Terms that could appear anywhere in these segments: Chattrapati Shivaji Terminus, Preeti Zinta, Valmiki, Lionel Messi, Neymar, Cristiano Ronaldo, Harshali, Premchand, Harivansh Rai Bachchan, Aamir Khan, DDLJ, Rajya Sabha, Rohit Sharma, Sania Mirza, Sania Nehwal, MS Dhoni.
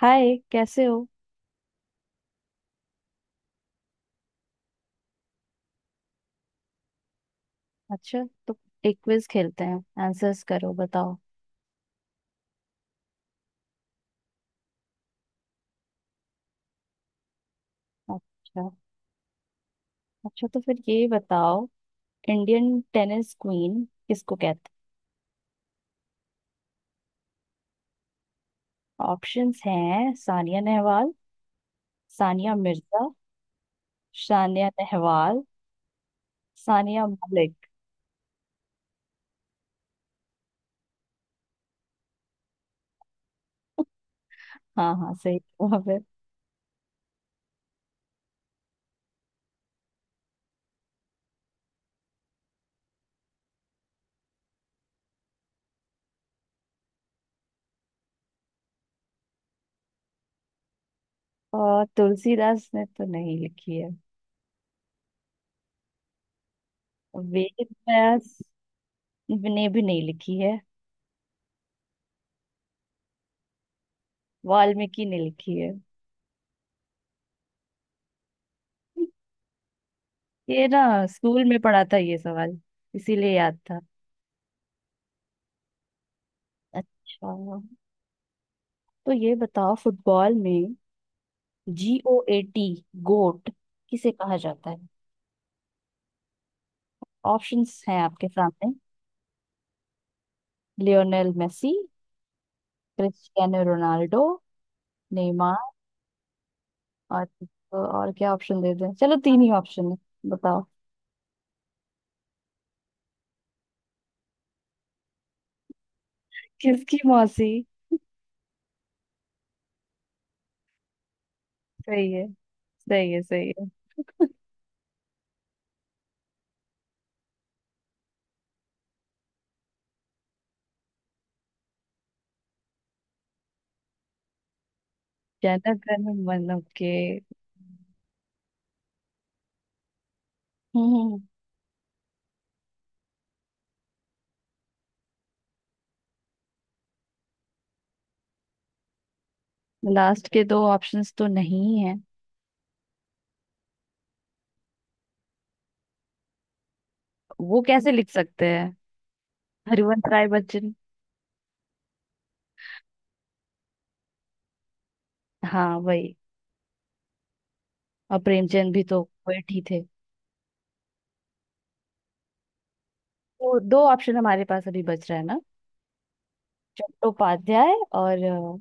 हाय कैसे हो। अच्छा तो एक क्विज खेलते हैं, आंसर्स करो, बताओ। अच्छा। अच्छा तो फिर ये बताओ, इंडियन टेनिस क्वीन किसको कहते हैं। ऑप्शंस हैं, सानिया नेहवाल, सानिया मिर्जा, सानिया नेहवाल, सानिया मलिक। हाँ हाँ, सही जवाब है। और तुलसीदास ने तो नहीं लिखी है। वेद व्यास ने भी नहीं लिखी है। वाल्मीकि ने लिखी है। ये ना, स्कूल में पढ़ा था ये सवाल। इसीलिए याद था। अच्छा तो ये बताओ, फुटबॉल में GOAT, गोट, किसे कहा जाता है। ऑप्शंस हैं आपके सामने। Lionel Messi, Cristiano Ronaldo, Neymar. और क्या ऑप्शन दे दें, चलो तीन ही ऑप्शन है। बताओ। किसकी मौसी? सही है, सही है, सही है। जनगण मन के। हम्म। लास्ट के दो ऑप्शंस तो नहीं है। वो कैसे लिख सकते हैं। हरिवंश राय बच्चन। हाँ वही। और प्रेमचंद भी तो पोएट ही थे। तो दो ऑप्शन हमारे पास अभी बच रहा है ना। चट्टोपाध्याय और अ,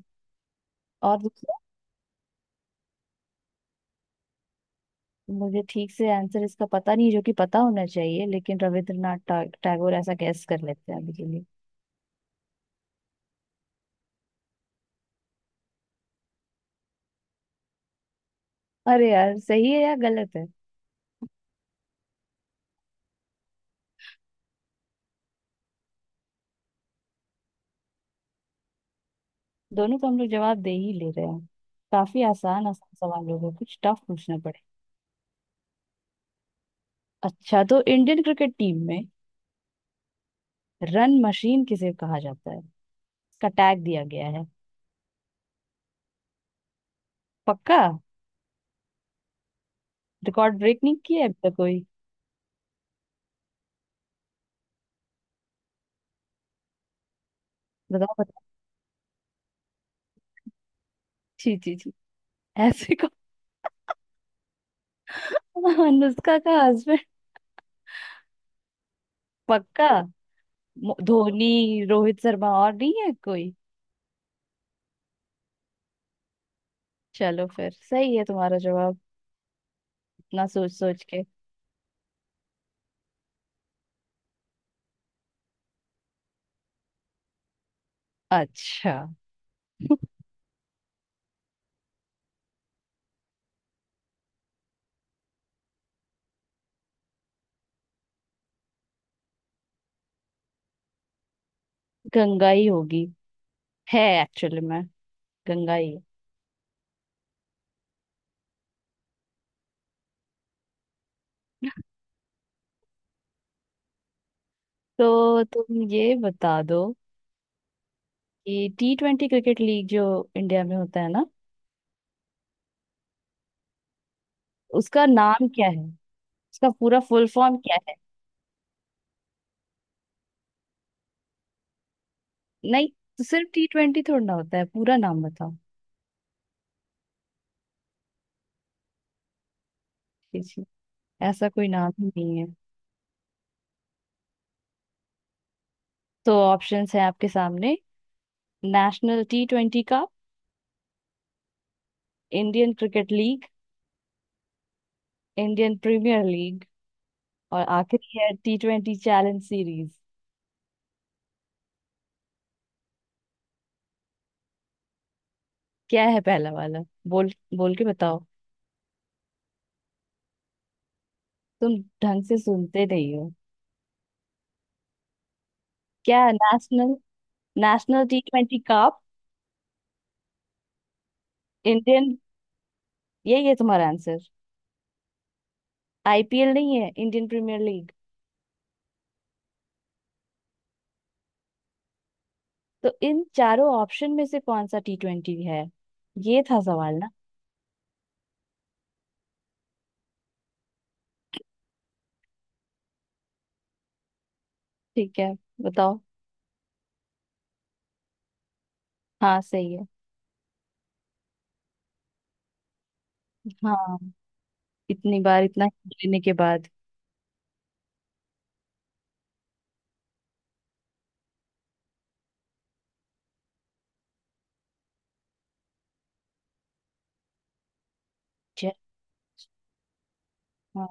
और दूसरा। मुझे ठीक से आंसर इसका पता नहीं, जो कि पता होना चाहिए, लेकिन रविंद्रनाथ टैगोर ऐसा गैस कर लेते हैं अभी के लिए। अरे यार, सही है या गलत है? दोनों को हम लोग जवाब दे ही ले रहे हैं। काफी आसान आसान सवाल होगा, कुछ टफ पूछना पड़े। अच्छा तो इंडियन क्रिकेट टीम में रन मशीन किसे कहा जाता है। इसका टैग दिया गया है। पक्का? रिकॉर्ड ब्रेक नहीं किया है अब तक कोई। बताओ। जी जी जी। ऐसे? कौन अनुष्का का हस्बैंड? पक्का? धोनी, रोहित शर्मा, और नहीं है कोई? चलो फिर सही है तुम्हारा जवाब। इतना सोच सोच के। अच्छा गंगा ही होगी। है एक्चुअली मैं गंगा ही हूँ। तो तुम ये बता दो कि T20 क्रिकेट लीग जो इंडिया में होता है ना उसका नाम क्या है। उसका पूरा फुल फॉर्म क्या है। नहीं। तो सिर्फ T20 थोड़ा ना होता है, पूरा नाम बताओ। जी जी। ऐसा कोई नाम ही नहीं है। तो ऑप्शंस हैं आपके सामने। National T20 cup, Indian cricket league, Indian premier league, और आखिरी है T20 चैलेंज सीरीज। क्या है पहला वाला? बोल बोल के बताओ। तुम ढंग से सुनते नहीं हो। क्या है? National. National T twenty cup. Indian. यही है तुम्हारा आंसर। आईपीएल नहीं है, इंडियन प्रीमियर लीग। तो इन चारों ऑप्शन में से कौन सा T20 है। ये था सवाल ना। ठीक है। बताओ। हाँ सही है। हाँ। इतनी बार इतना हिंट लेने के बाद। जय। हाँ,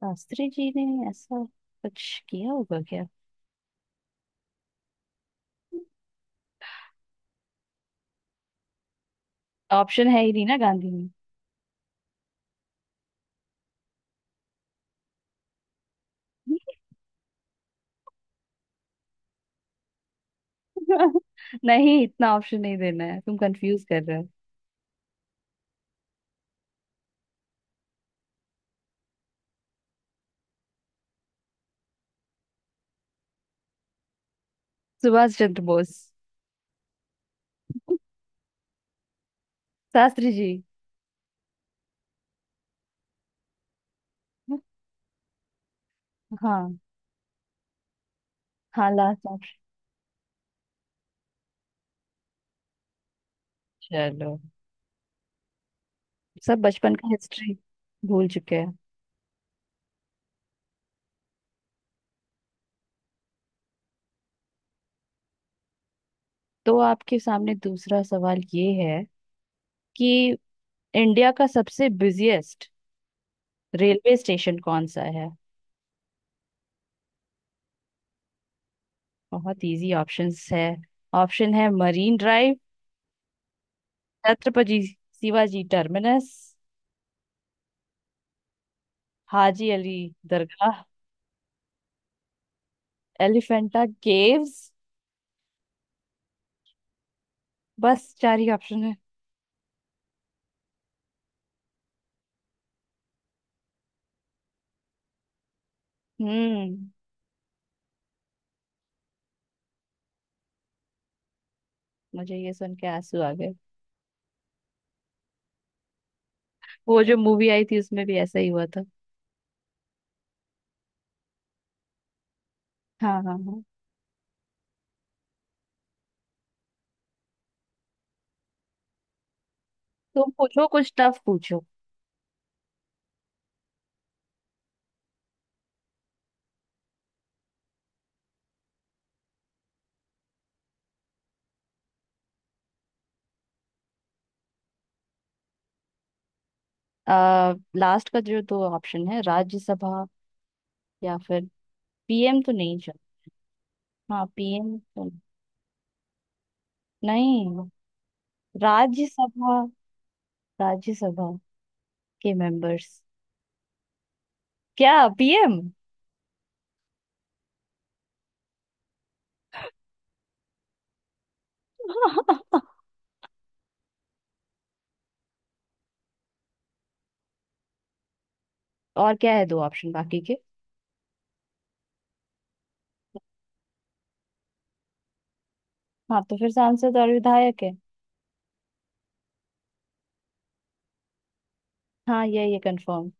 शास्त्री जी ने ऐसा कुछ किया होगा क्या। ऑप्शन है ही नहीं ना गांधी में। नहीं, इतना ऑप्शन नहीं देना है, तुम कंफ्यूज कर रहे हो। सुभाष चंद्र बोस। शास्त्री जी। हाँ। हाँ लास्ट ऑप्शन। चलो। सब बचपन का हिस्ट्री भूल चुके हैं। तो आपके सामने दूसरा सवाल ये है कि इंडिया का सबसे बिजिएस्ट रेलवे स्टेशन कौन सा है। बहुत इजी ऑप्शंस है। ऑप्शन है Marine Drive, Chhatrapati Shivaji Terminus, Haji Ali Dargah, Elephanta Caves. बस चार ही ऑप्शन है। हम्म। मुझे ये सुन के आंसू आ गए। वो जो मूवी आई थी उसमें भी ऐसा ही हुआ था। हाँ हाँ हाँ। तुम पूछो, कुछ टफ पूछो। लास्ट का जो दो ऑप्शन है, राज्यसभा या फिर पीएम तो नहीं चल। हाँ पीएम तो नहीं। राज्यसभा। राज्यसभा के मेंबर्स। क्या? पीएम। और क्या है दो ऑप्शन बाकी के। हाँ तो फिर सांसद और विधायक है। हाँ ये कंफर्म।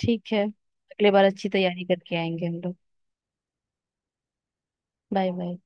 ठीक है, अगले बार अच्छी तैयारी करके आएंगे हम लोग। Bye bye.